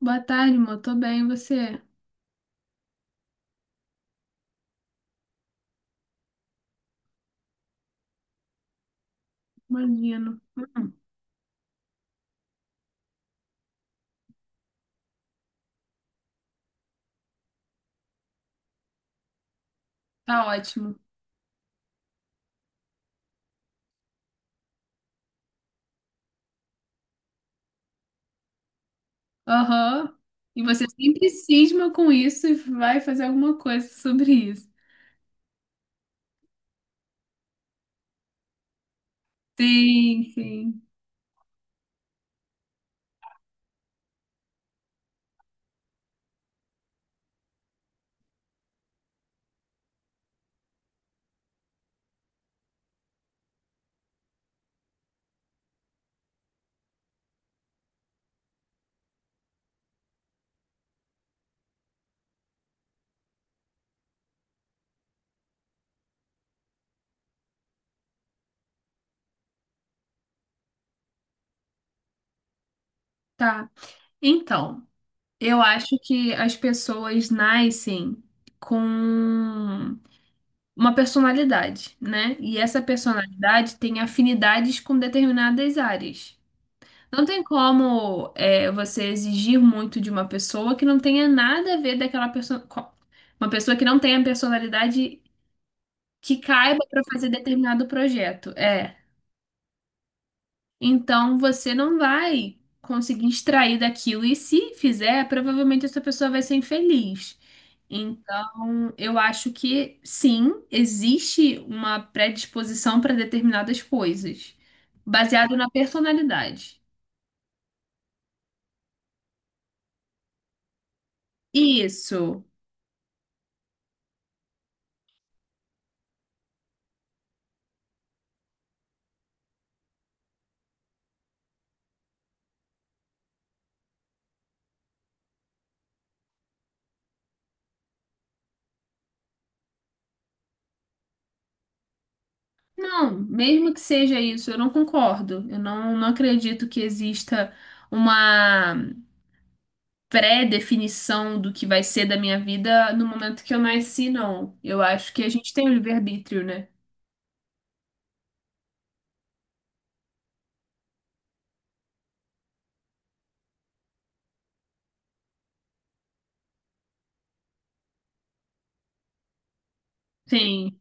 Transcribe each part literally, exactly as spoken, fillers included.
Boa tarde, amor. Tô bem, e você? Imagino. Hum, tá ótimo. Aham. E você sempre cisma com isso e vai fazer alguma coisa sobre isso. Sim, sim. Tá. Então, eu acho que as pessoas nascem com uma personalidade, né? E essa personalidade tem afinidades com determinadas áreas. Não tem como é, você exigir muito de uma pessoa que não tenha nada a ver daquela pessoa. co- Uma pessoa que não tenha personalidade que caiba para fazer determinado projeto. É. Então você não vai conseguir extrair daquilo. E se fizer, provavelmente essa pessoa vai ser infeliz. Então, eu acho que sim, existe uma predisposição para determinadas coisas, baseado na personalidade. Isso. Não, mesmo que seja isso, eu não concordo. Eu não, não acredito que exista uma pré-definição do que vai ser da minha vida no momento que eu nasci, não. Eu acho que a gente tem o livre-arbítrio, né? Sim.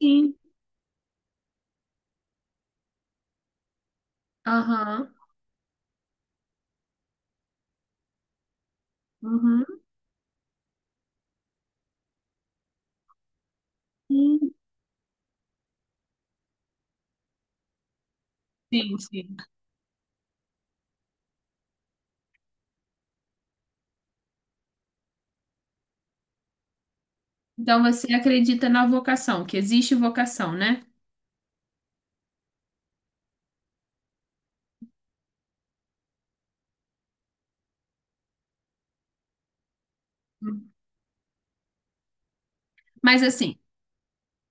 Sim. Aham. Uhum. Sim, sim. sim. Então você acredita na vocação, que existe vocação, né? Mas assim,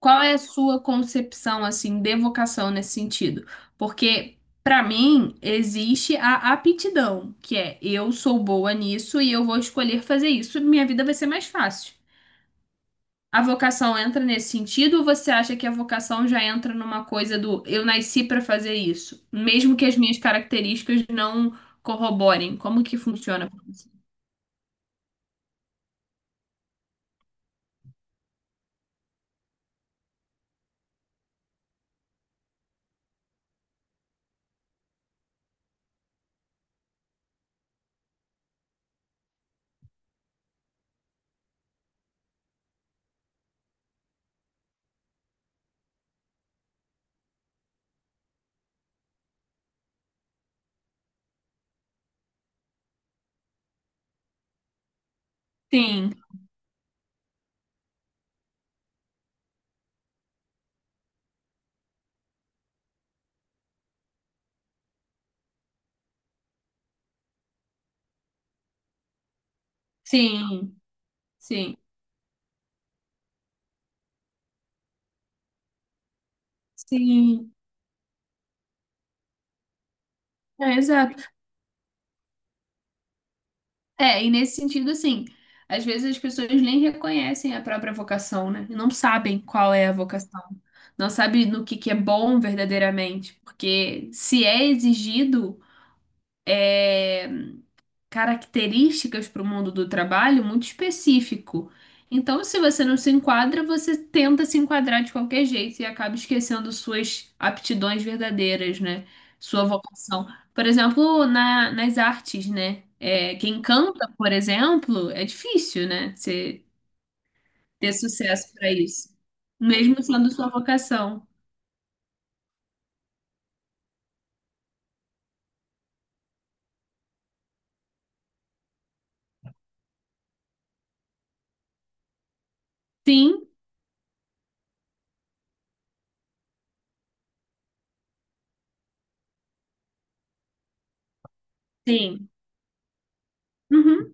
qual é a sua concepção assim de vocação nesse sentido? Porque para mim existe a aptidão, que é eu sou boa nisso e eu vou escolher fazer isso, minha vida vai ser mais fácil. A vocação entra nesse sentido ou você acha que a vocação já entra numa coisa do eu nasci para fazer isso, mesmo que as minhas características não corroborem? Como que funciona pra você? Sim, sim, sim, sim. É, exato. É, e nesse sentido, assim, às vezes as pessoas nem reconhecem a própria vocação, né? Não sabem qual é a vocação. Não sabem no que que é bom verdadeiramente. Porque se é exigido, é, características para o mundo do trabalho muito específico. Então, se você não se enquadra, você tenta se enquadrar de qualquer jeito e acaba esquecendo suas aptidões verdadeiras, né? Sua vocação. Por exemplo, na- nas artes, né? É, quem canta, por exemplo, é difícil, né? Você ter sucesso para isso, mesmo sendo sua vocação. Sim, sim. Uhum.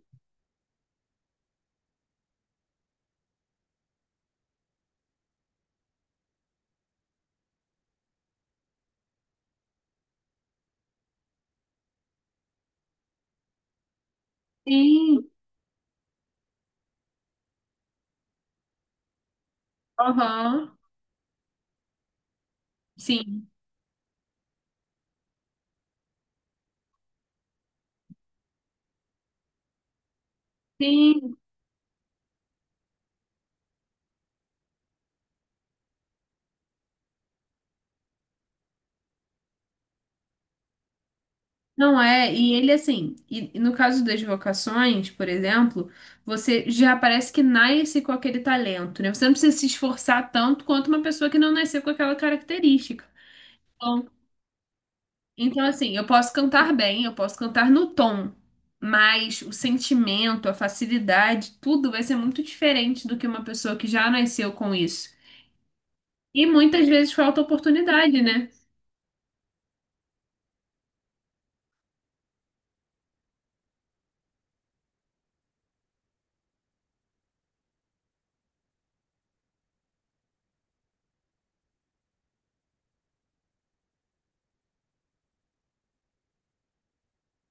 Sim. Aham. Sim. Sim. Não é, e ele assim, e, e no caso das vocações, por exemplo, você já parece que nasce com aquele talento, né? Você não precisa se esforçar tanto quanto uma pessoa que não nasceu com aquela característica. Então, então, assim, eu posso cantar bem, eu posso cantar no tom, mas o sentimento, a facilidade, tudo vai ser muito diferente do que uma pessoa que já nasceu com isso. E muitas vezes falta oportunidade, né?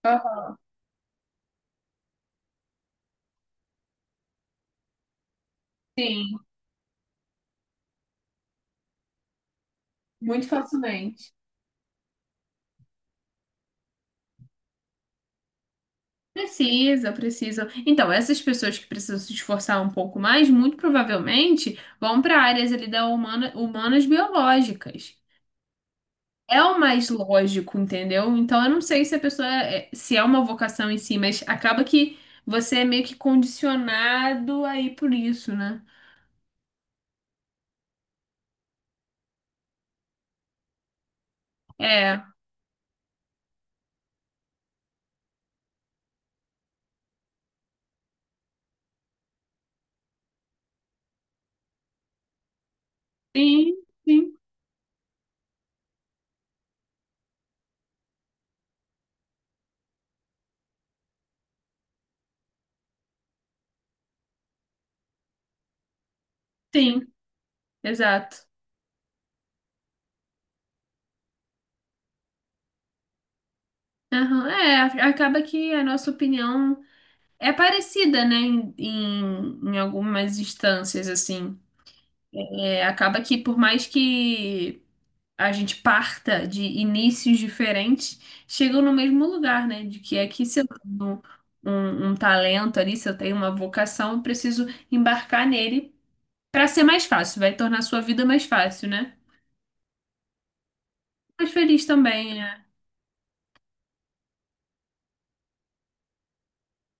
Aham. Sim, muito facilmente. Precisa, precisa. Então, essas pessoas que precisam se esforçar um pouco mais, muito provavelmente vão para áreas ali da humana, humanas biológicas. É o mais lógico, entendeu? Então, eu não sei se a pessoa é- é, se é uma vocação em si, mas acaba que você é meio que condicionado aí por isso, né? É, sim, sim, sim, exato. Aham, É, acaba que a nossa opinião é parecida, né, em, em em algumas instâncias, assim. É, acaba que por mais que a gente parta de inícios diferentes, chegam no mesmo lugar, né? De que aqui se eu tenho um, um talento ali, se eu tenho uma vocação, eu preciso embarcar nele para ser mais fácil, vai tornar a sua vida mais fácil, né? Mais feliz também, né?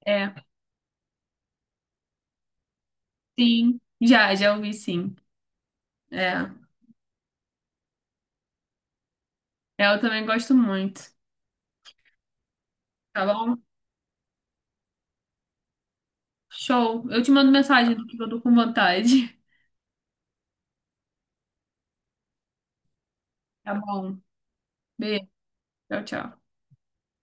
É, sim. Já, já ouvi sim. É, é, eu também gosto muito. Tá bom? Show. Eu te mando mensagem do que eu tô com vontade. Tá bom. Beijo. Tchau, tchau.